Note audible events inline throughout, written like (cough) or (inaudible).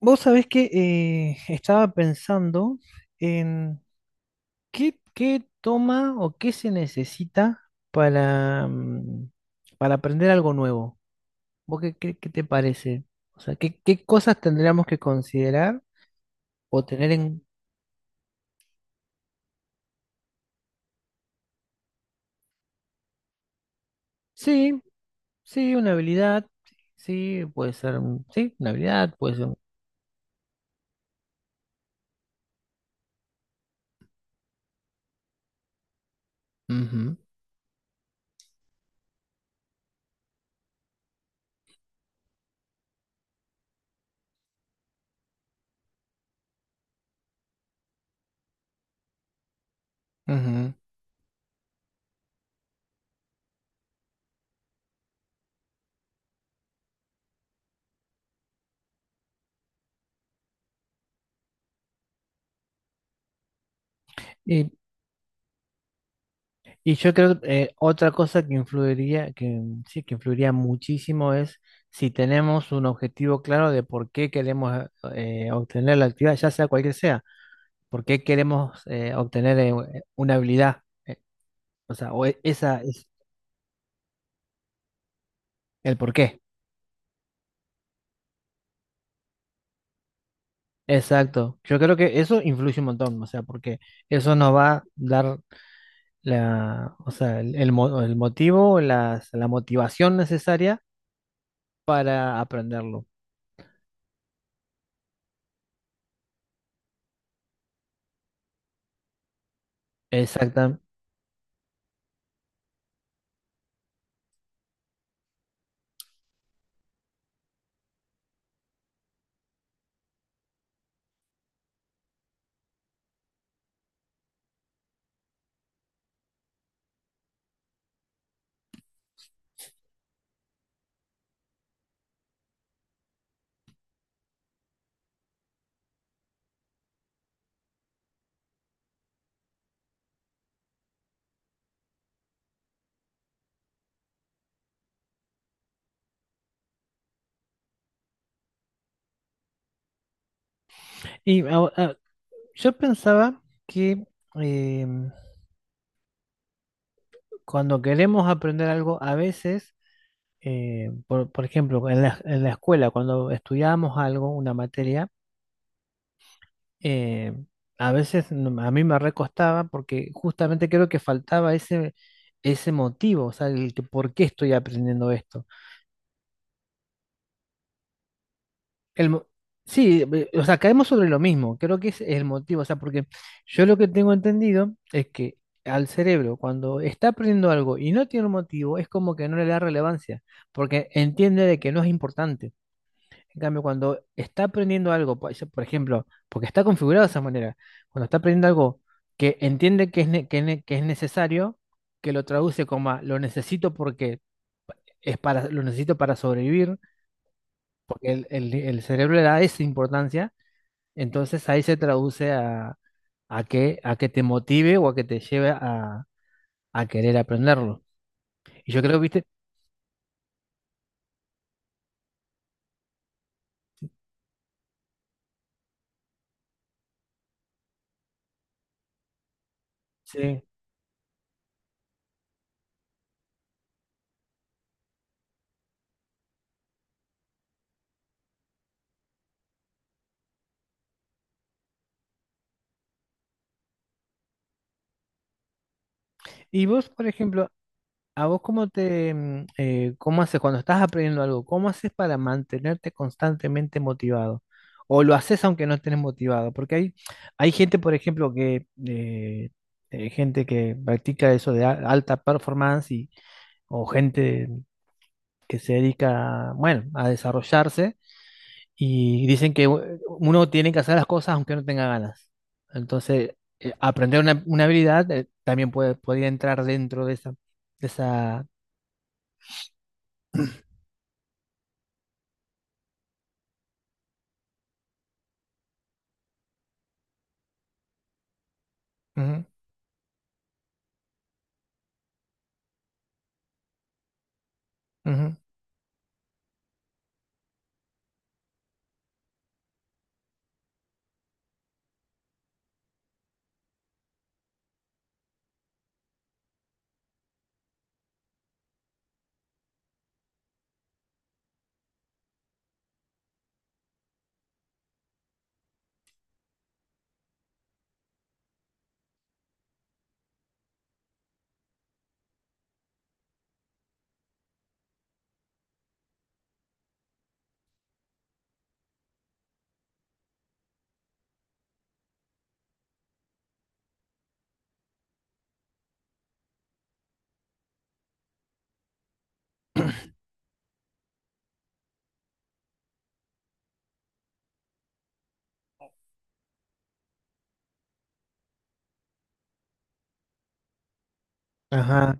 Vos sabés que estaba pensando en qué toma o qué se necesita para, mm, para aprender algo nuevo. ¿Vos qué te parece? O sea, ¿qué cosas tendríamos que considerar o tener en. Sí, sí, una habilidad, sí, puede ser, sí, una habilidad, puede ser. Ujú, ujú. Y yo creo otra cosa que influiría, que sí, que influiría muchísimo es si tenemos un objetivo claro de por qué queremos obtener la actividad, ya sea cualquier sea, por qué queremos obtener una habilidad, eh, o sea, esa es el por qué. Exacto. Yo creo que eso influye un montón, o sea, porque eso nos va a dar la, o sea, el motivo, la motivación necesaria para aprenderlo. Exactamente. Y yo pensaba que eh, cuando queremos aprender algo, a veces, por ejemplo, en la escuela, cuando estudiábamos algo, una materia, eh, a veces a mí me recostaba porque justamente creo que faltaba ese motivo, o sea, el que, ¿por qué estoy aprendiendo esto? El, mo- sí, o sea, caemos sobre lo mismo, creo que ese es el motivo, o sea, porque yo lo que tengo entendido es que al cerebro, cuando está aprendiendo algo y no tiene un motivo, es como que no le da relevancia, porque entiende de que no es importante. En cambio, cuando está aprendiendo algo, por ejemplo, porque está configurado de esa manera, cuando está aprendiendo algo que entiende que es, ne- que es necesario, que lo traduce como lo necesito porque lo necesito para sobrevivir, porque el cerebro le da esa importancia, entonces ahí se traduce a, a que te motive o a que te lleve a querer aprenderlo. Y yo creo, viste, sí. Y vos, por ejemplo, ¿a vos cómo haces cuando estás aprendiendo algo? ¿Cómo haces para mantenerte constantemente motivado? ¿O lo haces aunque no estés motivado? Porque hay gente, por ejemplo, gente que practica eso de alta performance, y o gente que se dedica, bueno, a desarrollarse. Y dicen que uno tiene que hacer las cosas aunque no tenga ganas. Entonces, aprender una habilidad también podría entrar dentro de esa, de esa. Ujú, ujú. Ajá.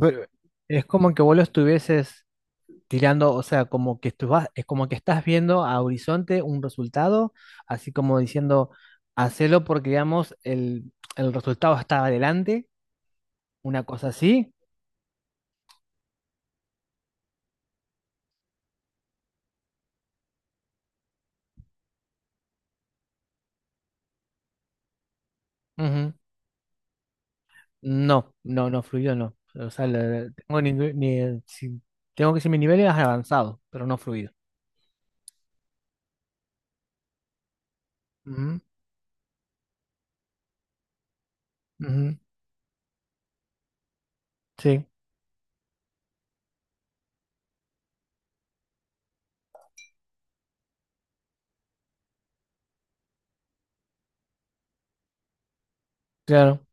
Pero es como que vos lo estuvieses tirando, o sea, como que estu- vas- es como que estás viendo a horizonte un resultado, así como diciendo, hacelo porque, digamos, el resultado está adelante, una cosa así. No, no, no, fluido no. O sea, tengo ni, si- tengo que decir mi nivel es avanzado, pero no fluido. Ujú, ujú, sí, claro,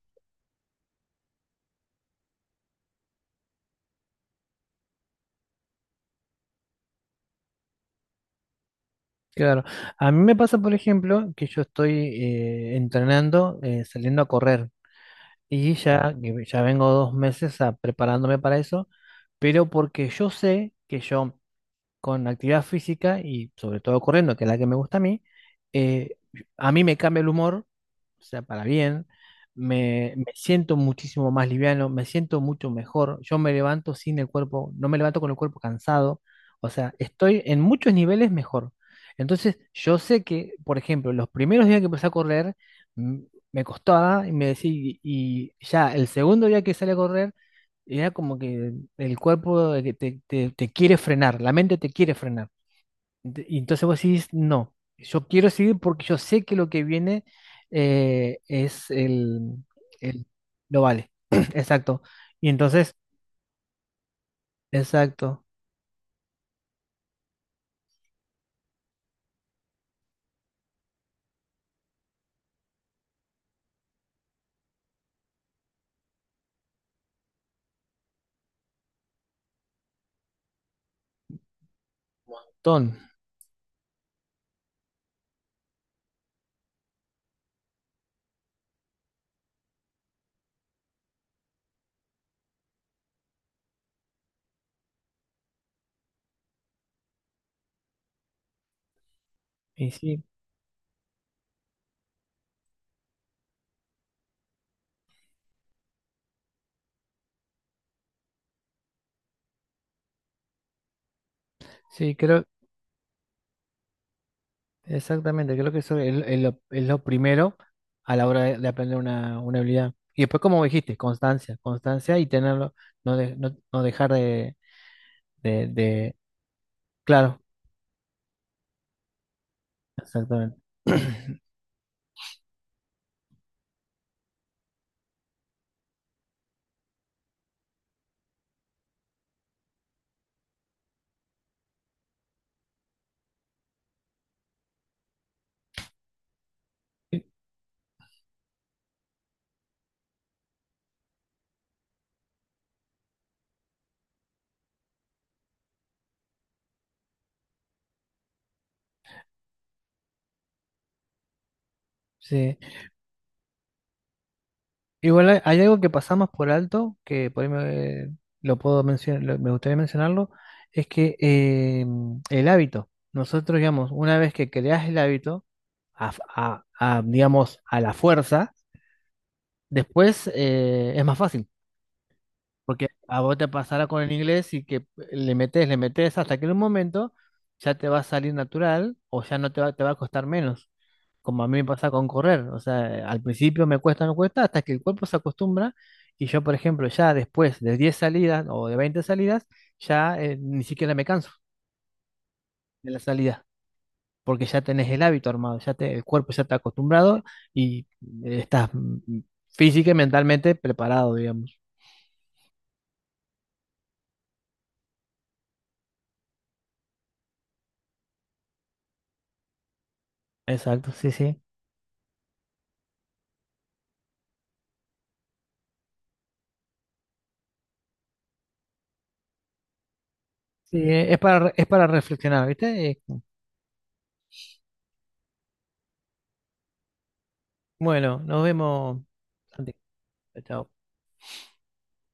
claro. A mí me pasa, por ejemplo, que yo estoy entrenando, saliendo a correr, y ya, que ya vengo 2 meses preparándome para eso, pero porque yo sé que yo con actividad física y sobre todo corriendo, que es la que me gusta eh, a mí me cambia el humor, o sea, para bien. Me siento muchísimo más liviano, me siento mucho mejor. Yo me levanto sin el cuerpo, no me levanto con el cuerpo cansado. O sea, estoy en muchos niveles mejor. Entonces, yo sé que, por ejemplo, los primeros días que empecé a correr, mm, me costaba, y me decía, y ya el segundo día que salí a correr, era como que el cuerpo, de que te quiere frenar, la mente te quiere frenar. Y entonces vos decís, no, yo quiero seguir porque yo sé que lo que viene es el. Lo vale. (clears throat) Exacto. Y entonces, exacto, ton. Y sí, sí, creo, exactamente, creo que eso es, lo es lo, es lo primero a la hora de aprender una habilidad. Y después, como dijiste, constancia, constancia y tenerlo, no, no, no dejar de. Claro, exactamente. Sí. Igual hay algo que pasamos por alto, que por ahí lo puedo mencionar, me gustaría mencionarlo, es que el hábito, nosotros digamos, una vez que creas el hábito, digamos, a la fuerza, después es más fácil, porque a vos te pasará con el inglés, y que le metes hasta que en un momento ya te va a salir natural, o ya no te va a costar menos, como a mí me pasa con correr. O sea, al principio me cuesta, hasta que el cuerpo se acostumbra y yo, por ejemplo, ya después de 10 salidas o de 20 salidas, ya ni siquiera me canso de la salida, porque ya tenés el hábito armado, el cuerpo ya está acostumbrado y estás física y mentalmente preparado, digamos. Exacto, sí, sí. Sí, es para reflexionar, ¿viste? Bueno, nos vemos. Santi. Chao.